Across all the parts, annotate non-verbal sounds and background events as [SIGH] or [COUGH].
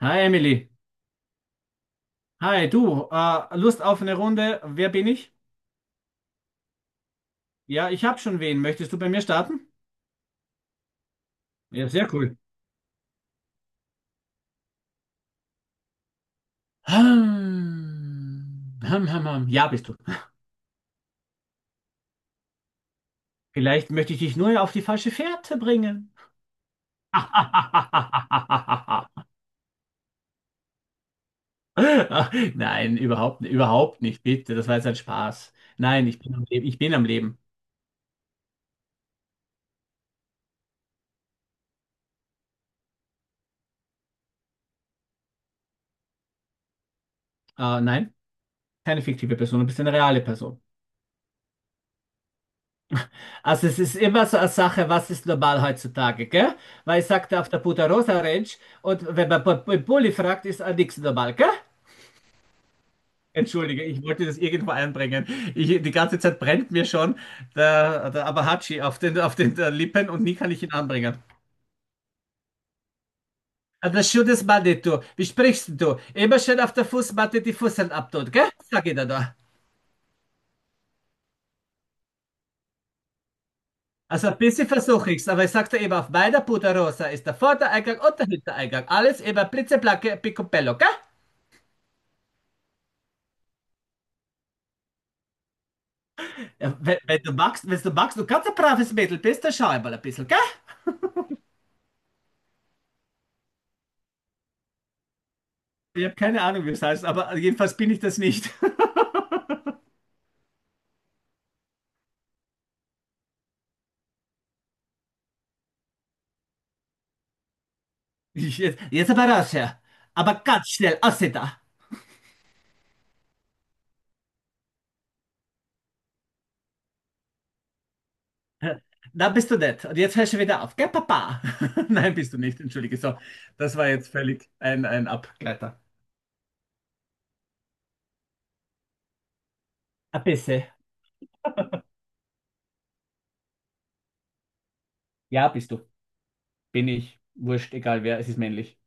Hi, Emily. Hi, du. Lust auf eine Runde? Wer bin ich? Ja, ich habe schon wen. Möchtest du bei mir starten? Ja, sehr cool. Hm. Hm, hm, hm. Ja, bist du. Vielleicht möchte ich dich nur auf die falsche Fährte bringen. [LAUGHS] Nein, überhaupt nicht, bitte. Das war jetzt ein Spaß. Nein, ich bin am Leben. Ich bin am Leben. Nein, keine fiktive Person, du bist eine reale Person. Also es ist immer so eine Sache, was ist normal heutzutage, gell? Weil ich sagte auf der Punta Rosa Ranch, und wenn man im Pulli fragt, ist auch nichts normal, gell? Entschuldige, ich wollte das irgendwo einbringen. Ich, die ganze Zeit brennt mir schon der Abahachi auf den Lippen, und nie kann ich ihn anbringen. Ah, das schönes Mann, du. Wie sprichst du? Immer schön auf der Fußmatte die Fusseln abtun, gell? Sag ich dir da. Also ein bisschen versuche ich's, aber ich sagte eben, auf meiner Punta Rosa ist der Vordereingang und der Hintereingang. Alles immer blitzeblanke Picobello, gell? Ja, wenn du magst, wenn du magst, du ganz ein braves Mädel bist, dann schau einmal ein bisschen, gell? Ich habe keine Ahnung, wie es heißt, aber jedenfalls bin ich das nicht. [LAUGHS] Ich, jetzt aber raus her. Aber ganz schnell, aus da. Da bist du nett. Und jetzt hörst du wieder auf, gell, Papa? [LAUGHS] Nein, bist du nicht, entschuldige. So, das war jetzt völlig ein Abgleiter. Ein bisschen. Ja, bist du. Bin ich. Wurscht, egal wer, es ist männlich.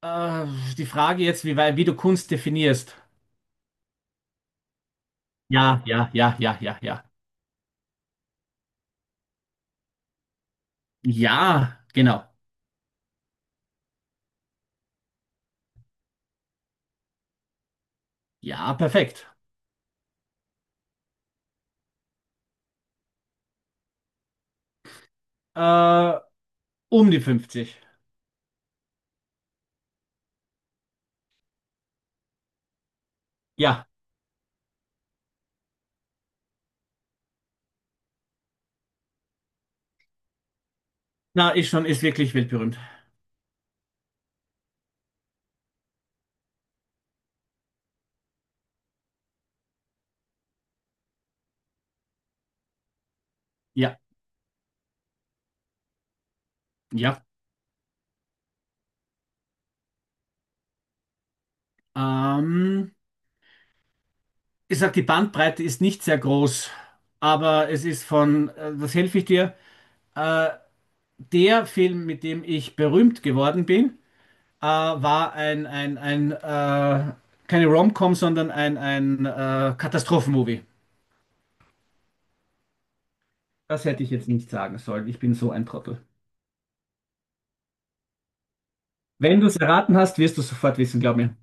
Äh, Die Frage jetzt, wie, wie du Kunst definierst. Ja, ja, ja, ja, ja, ja. Ja, genau. Ja, perfekt. Äh, Um die 50. Ja, na, ist schon, ist wirklich weltberühmt. Ja, ja. Ähm, Ich sag, die Bandbreite ist nicht sehr groß, aber es ist von, was helfe ich dir? Äh, Der Film, mit dem ich berühmt geworden bin, war ein keine Rom-Com, sondern ein Katastrophenmovie. Das hätte ich jetzt nicht sagen sollen. Ich bin so ein Trottel. Wenn du es erraten hast, wirst du es sofort wissen, glaub mir.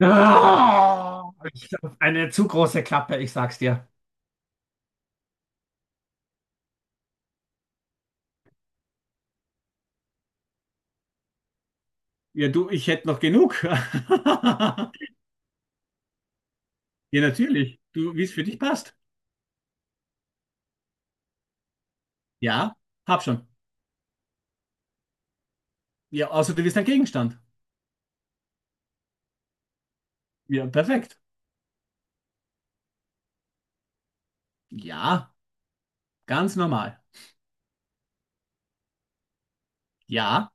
Ah, ich hab eine zu große Klappe, ich sag's dir. Ja, du, ich hätte noch genug. [LAUGHS] Ja, natürlich. Du, wie es für dich passt. Ja, hab schon. Ja, außer du bist ein Gegenstand. Ja, perfekt. Ja, ganz normal. Ja.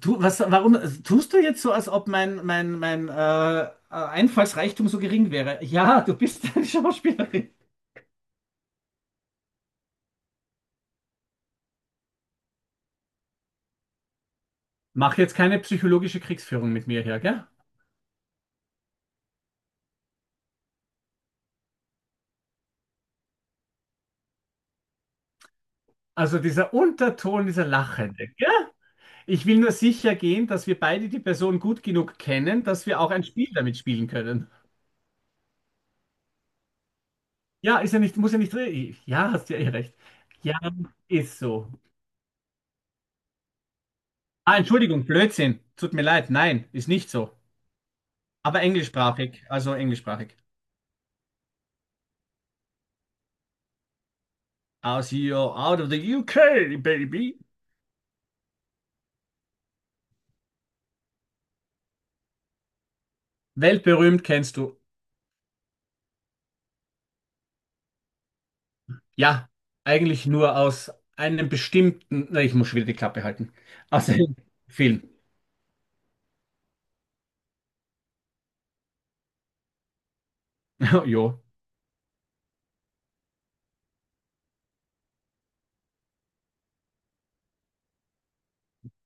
Du, was, warum tust du jetzt so, als ob mein Einfallsreichtum so gering wäre? Ja, du bist [LAUGHS] eine Schauspielerin. Mach jetzt keine psychologische Kriegsführung mit mir hier, gell? Also dieser Unterton, dieser Lachende, gell? Ich will nur sicher gehen, dass wir beide die Person gut genug kennen, dass wir auch ein Spiel damit spielen können. Ja, ist ja nicht, muss ja nicht drin. Ja, hast ja eh recht. Ja, ist so. Ah, Entschuldigung, Blödsinn. Tut mir leid. Nein, ist nicht so. Aber englischsprachig, also englischsprachig. Aus you out of the UK, baby. Weltberühmt kennst du. Ja, eigentlich nur aus einem bestimmten. Na, ich muss schon wieder die Klappe halten. Aus einem Film. [LAUGHS] Jo.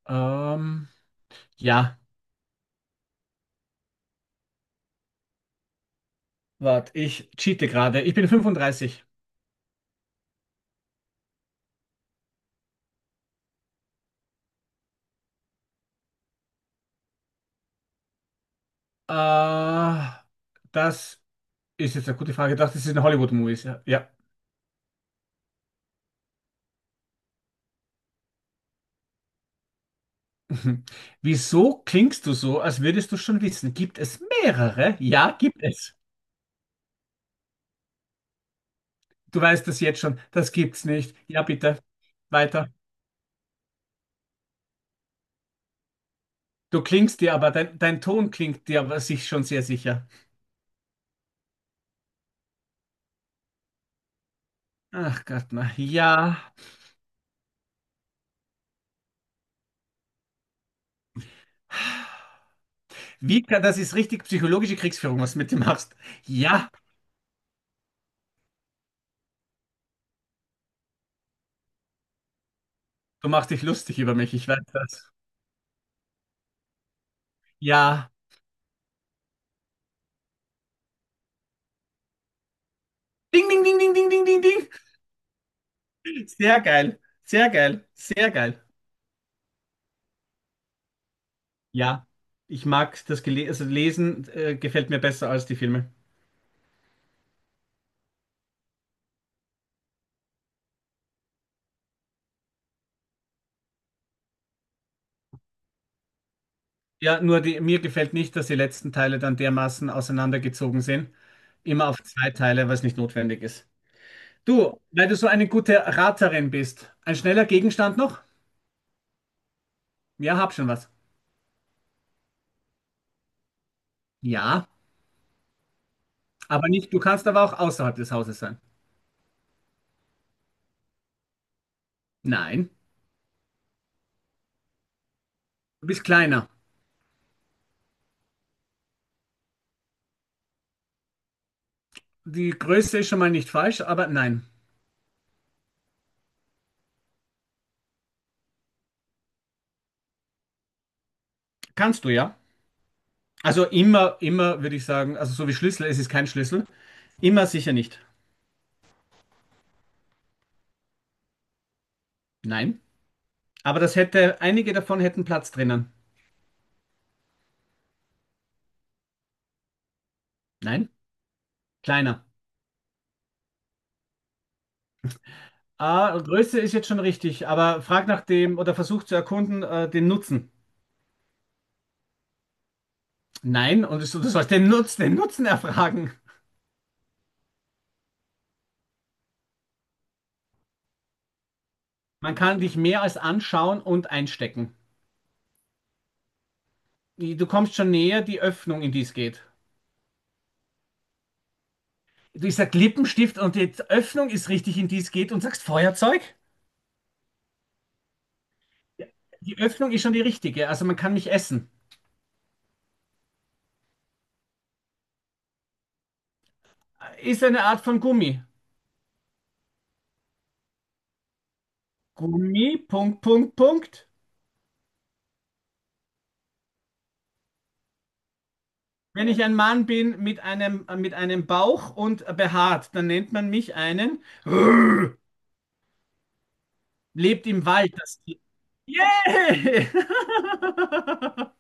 Ähm, ja, warte, ich cheate gerade. Ich bin 35. Äh, Das ist jetzt eine gute Frage. Ich dachte, das ist ein Hollywood-Movies. Ja, ja. [LAUGHS] Wieso klingst du so, als würdest du schon wissen? Gibt es mehrere? Ja, gibt es. Du weißt das jetzt schon. Das gibt's nicht. Ja, bitte. Weiter. Du klingst dir aber, dein Ton klingt dir aber sich schon sehr sicher. Ach Gott, na ja. Wie kann, das ist richtig psychologische Kriegsführung, was du mit dir machst. Ja, du machst dich lustig über mich, ich weiß das. Ja. Ding, ding, ding, ding, ding, ding, ding, ding. Sehr geil. Sehr geil. Sehr geil. Ja, ich mag das Gele, also Lesen gefällt mir besser als die Filme. Ja, nur die, mir gefällt nicht, dass die letzten Teile dann dermaßen auseinandergezogen sind. Immer auf zwei Teile, was nicht notwendig ist. Du, weil du so eine gute Raterin bist, ein schneller Gegenstand noch? Ja, hab schon was. Ja, aber nicht, du kannst aber auch außerhalb des Hauses sein. Nein, du bist kleiner. Die Größe ist schon mal nicht falsch, aber nein. Kannst du ja. Also immer, immer würde ich sagen, also so wie Schlüssel, es ist kein Schlüssel. Immer sicher nicht. Nein. Aber das hätte, einige davon hätten Platz drinnen. Nein, kleiner. Ah, Größe ist jetzt schon richtig, aber frag nach dem oder versuch zu erkunden, den Nutzen. Nein, und du sollst [LAUGHS] den Nutzen erfragen. Man kann dich mehr als anschauen und einstecken. Du kommst schon näher, die Öffnung, in die es geht. Ich sag Lippenstift und die Öffnung ist richtig, in die es geht, und sagst Feuerzeug? Die Öffnung ist schon die richtige, also man kann mich essen. Ist eine Art von Gummi. Gummi, Punkt, Punkt, Punkt. Wenn ich ein Mann bin mit einem Bauch und behaart, dann nennt man mich einen. [LAUGHS] Lebt im Wald das Tier. Yeah! [LAUGHS]